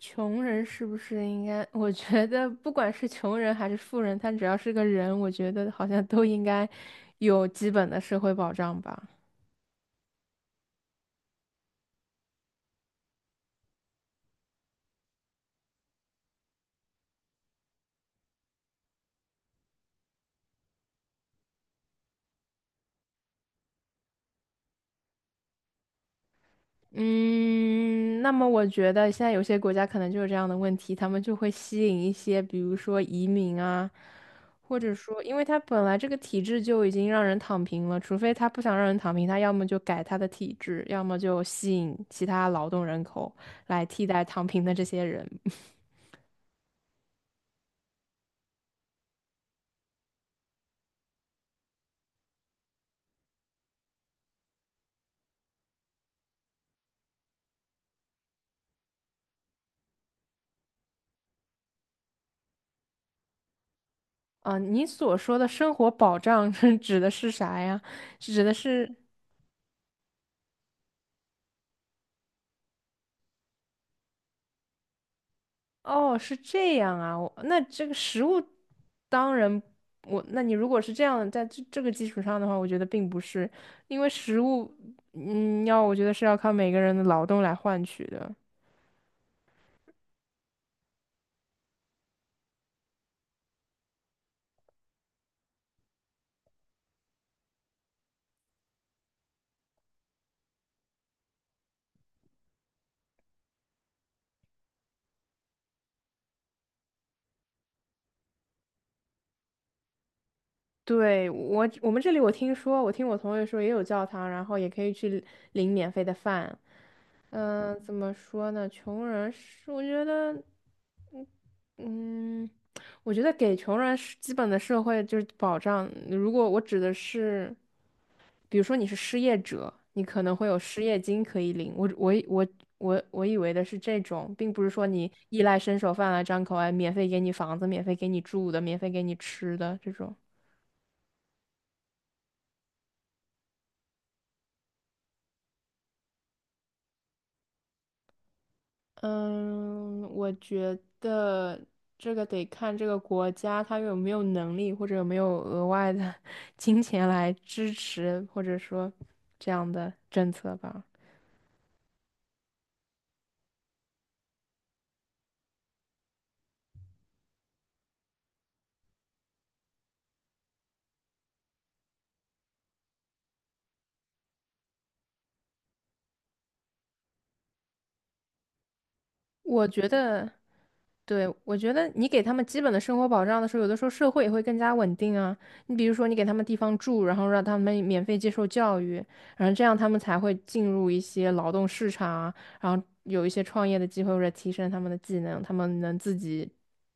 穷人是不是应该？我觉得不管是穷人还是富人，他只要是个人，我觉得好像都应该有基本的社会保障吧。嗯，那么我觉得现在有些国家可能就有这样的问题，他们就会吸引一些，比如说移民啊，或者说，因为他本来这个体制就已经让人躺平了，除非他不想让人躺平，他要么就改他的体制，要么就吸引其他劳动人口来替代躺平的这些人。啊，你所说的生活保障 是指的是啥呀？是指的是，哦，是这样啊。我那这个食物，当然我，那你如果是这样，在这个基础上的话，我觉得并不是，因为食物，要我觉得是要靠每个人的劳动来换取的。对，我们这里我听说，我听我同学说也有教堂，然后也可以去领免费的饭。嗯、怎么说呢？穷人是，我觉得。嗯，我觉得给穷人是基本的社会就是保障。如果我指的是，比如说你是失业者，你可能会有失业金可以领。我以为的是这种，并不是说你衣来伸手饭来张口，哎，免费给你房子，免费给你住的，免费给你吃的这种。嗯，我觉得这个得看这个国家它有没有能力，或者有没有额外的 金钱来支持，或者说这样的政策吧。我觉得。对，我觉得你给他们基本的生活保障的时候，有的时候社会也会更加稳定啊。你比如说，你给他们地方住，然后让他们免费接受教育，然后这样他们才会进入一些劳动市场啊，然后有一些创业的机会，或者提升他们的技能，他们能自己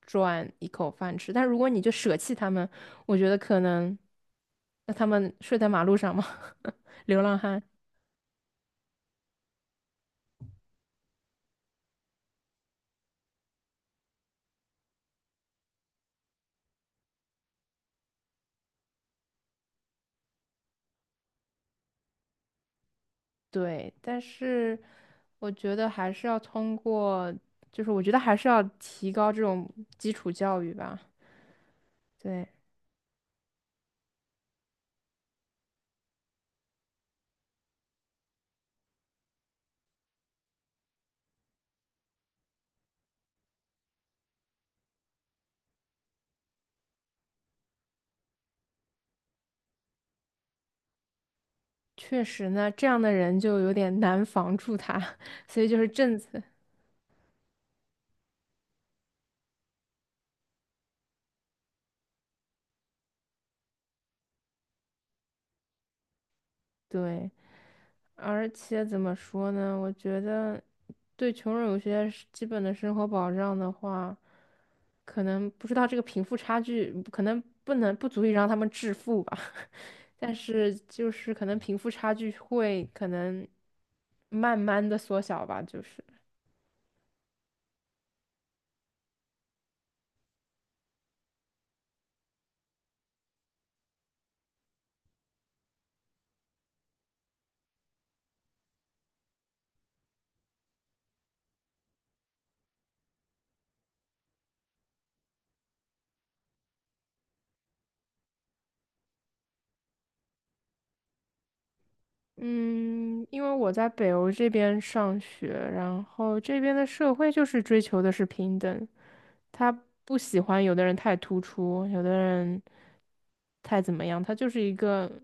赚一口饭吃。但如果你就舍弃他们，我觉得可能，那他们睡在马路上吗？流浪汉。对，但是我觉得还是要通过，就是我觉得还是要提高这种基础教育吧。对，确实呢，这样的人就有点难防住他，所以就是政策。对，而且怎么说呢？我觉得对穷人有些是基本的生活保障的话，可能不知道这个贫富差距，可能不能不足以让他们致富吧。但是就是可能贫富差距会可能慢慢的缩小吧，就是。嗯，因为我在北欧这边上学，然后这边的社会就是追求的是平等，他不喜欢有的人太突出，有的人太怎么样，他就是一个。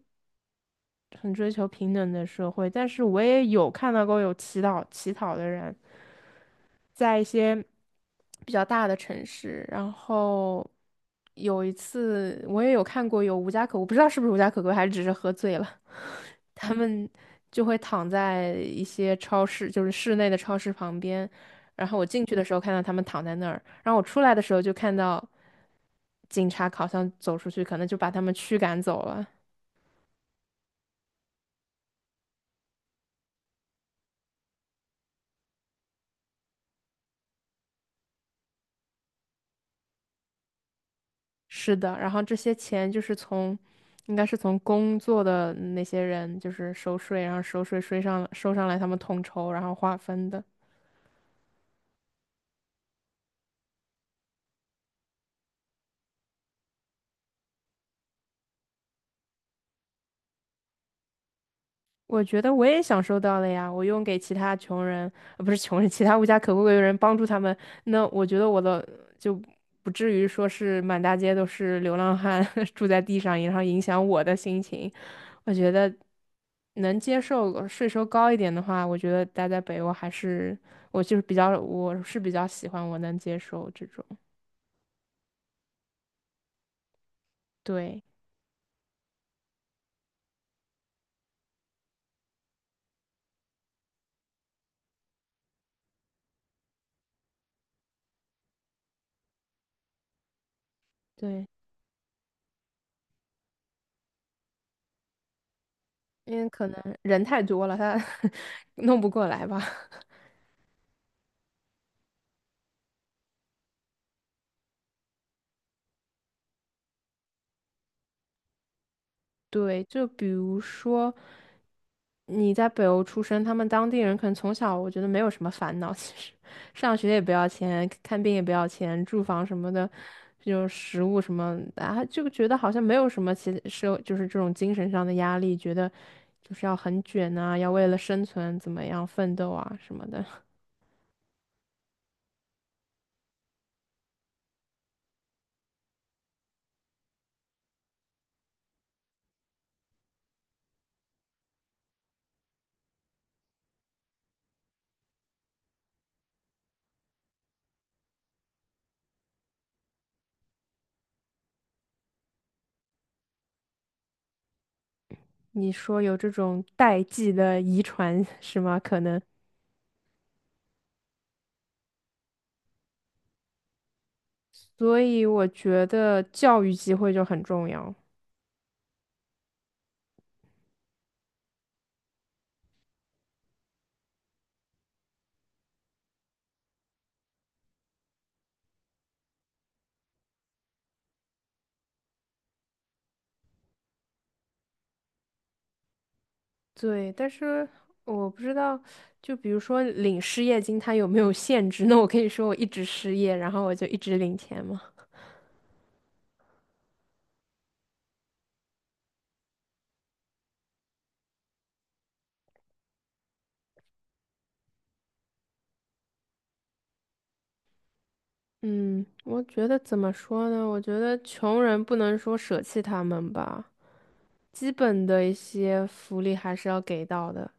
很追求平等的社会，但是我也有看到过有乞讨的人，在一些比较大的城市，然后有一次我也有看过有无家可我不知道是不是无家可归，还是只是喝醉了，他们就会躺在一些超市，就是室内的超市旁边，然后我进去的时候看到他们躺在那儿，然后我出来的时候就看到警察好像走出去，可能就把他们驱赶走了。是的，然后这些钱就是从，应该是从工作的那些人就是收税，然后收税收上来他们统筹，然后划分的。我觉得我也享受到了呀，我用给其他穷人，不是穷人，其他无家可归的人帮助他们，那我觉得我的就不至于说是满大街都是流浪汉 住在地上，然后影响我的心情。我觉得能接受税收高一点的话，我觉得待在北欧还是我就是比较，我是比较喜欢我能接受这种，对对，因为可能人太多了，他 弄不过来吧。对，就比如说你在北欧出生，他们当地人可能从小我觉得没有什么烦恼，其实上学也不要钱，看病也不要钱，住房什么的，就食物什么的，啊，就觉得好像没有什么其社就是这种精神上的压力，觉得就是要很卷啊，要为了生存怎么样奋斗啊什么的。你说有这种代际的遗传 是吗？可能，所以我觉得教育机会就很重要。对，但是我不知道，就比如说领失业金，它有没有限制？那我可以说我一直失业，然后我就一直领钱吗？嗯，我觉得怎么说呢？我觉得穷人不能说舍弃他们吧，基本的一些福利还是要给到的，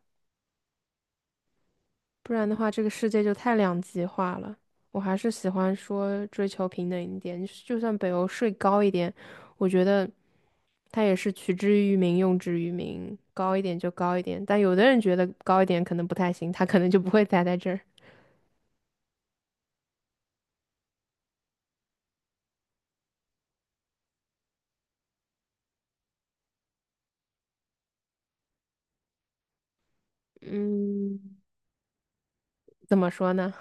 不然的话，这个世界就太两极化了。我还是喜欢说追求平等一点，就算北欧税高一点，我觉得。他也是取之于民，用之于民，高一点就高一点。但有的人觉得高一点可能不太行，他可能就不会栽在这儿。嗯，怎么说呢？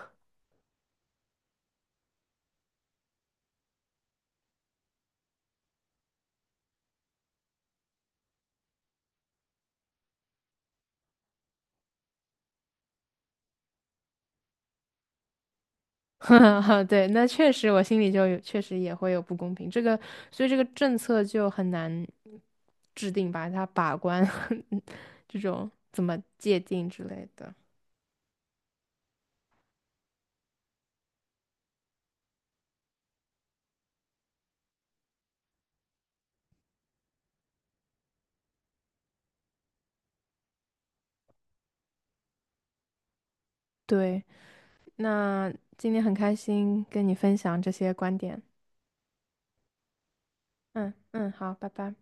对，那确实我心里就有，确实也会有不公平。这个，所以这个政策就很难制定把它把关 这种怎么界定之类的。对，那今天很开心跟你分享这些观点。嗯嗯，好，拜拜。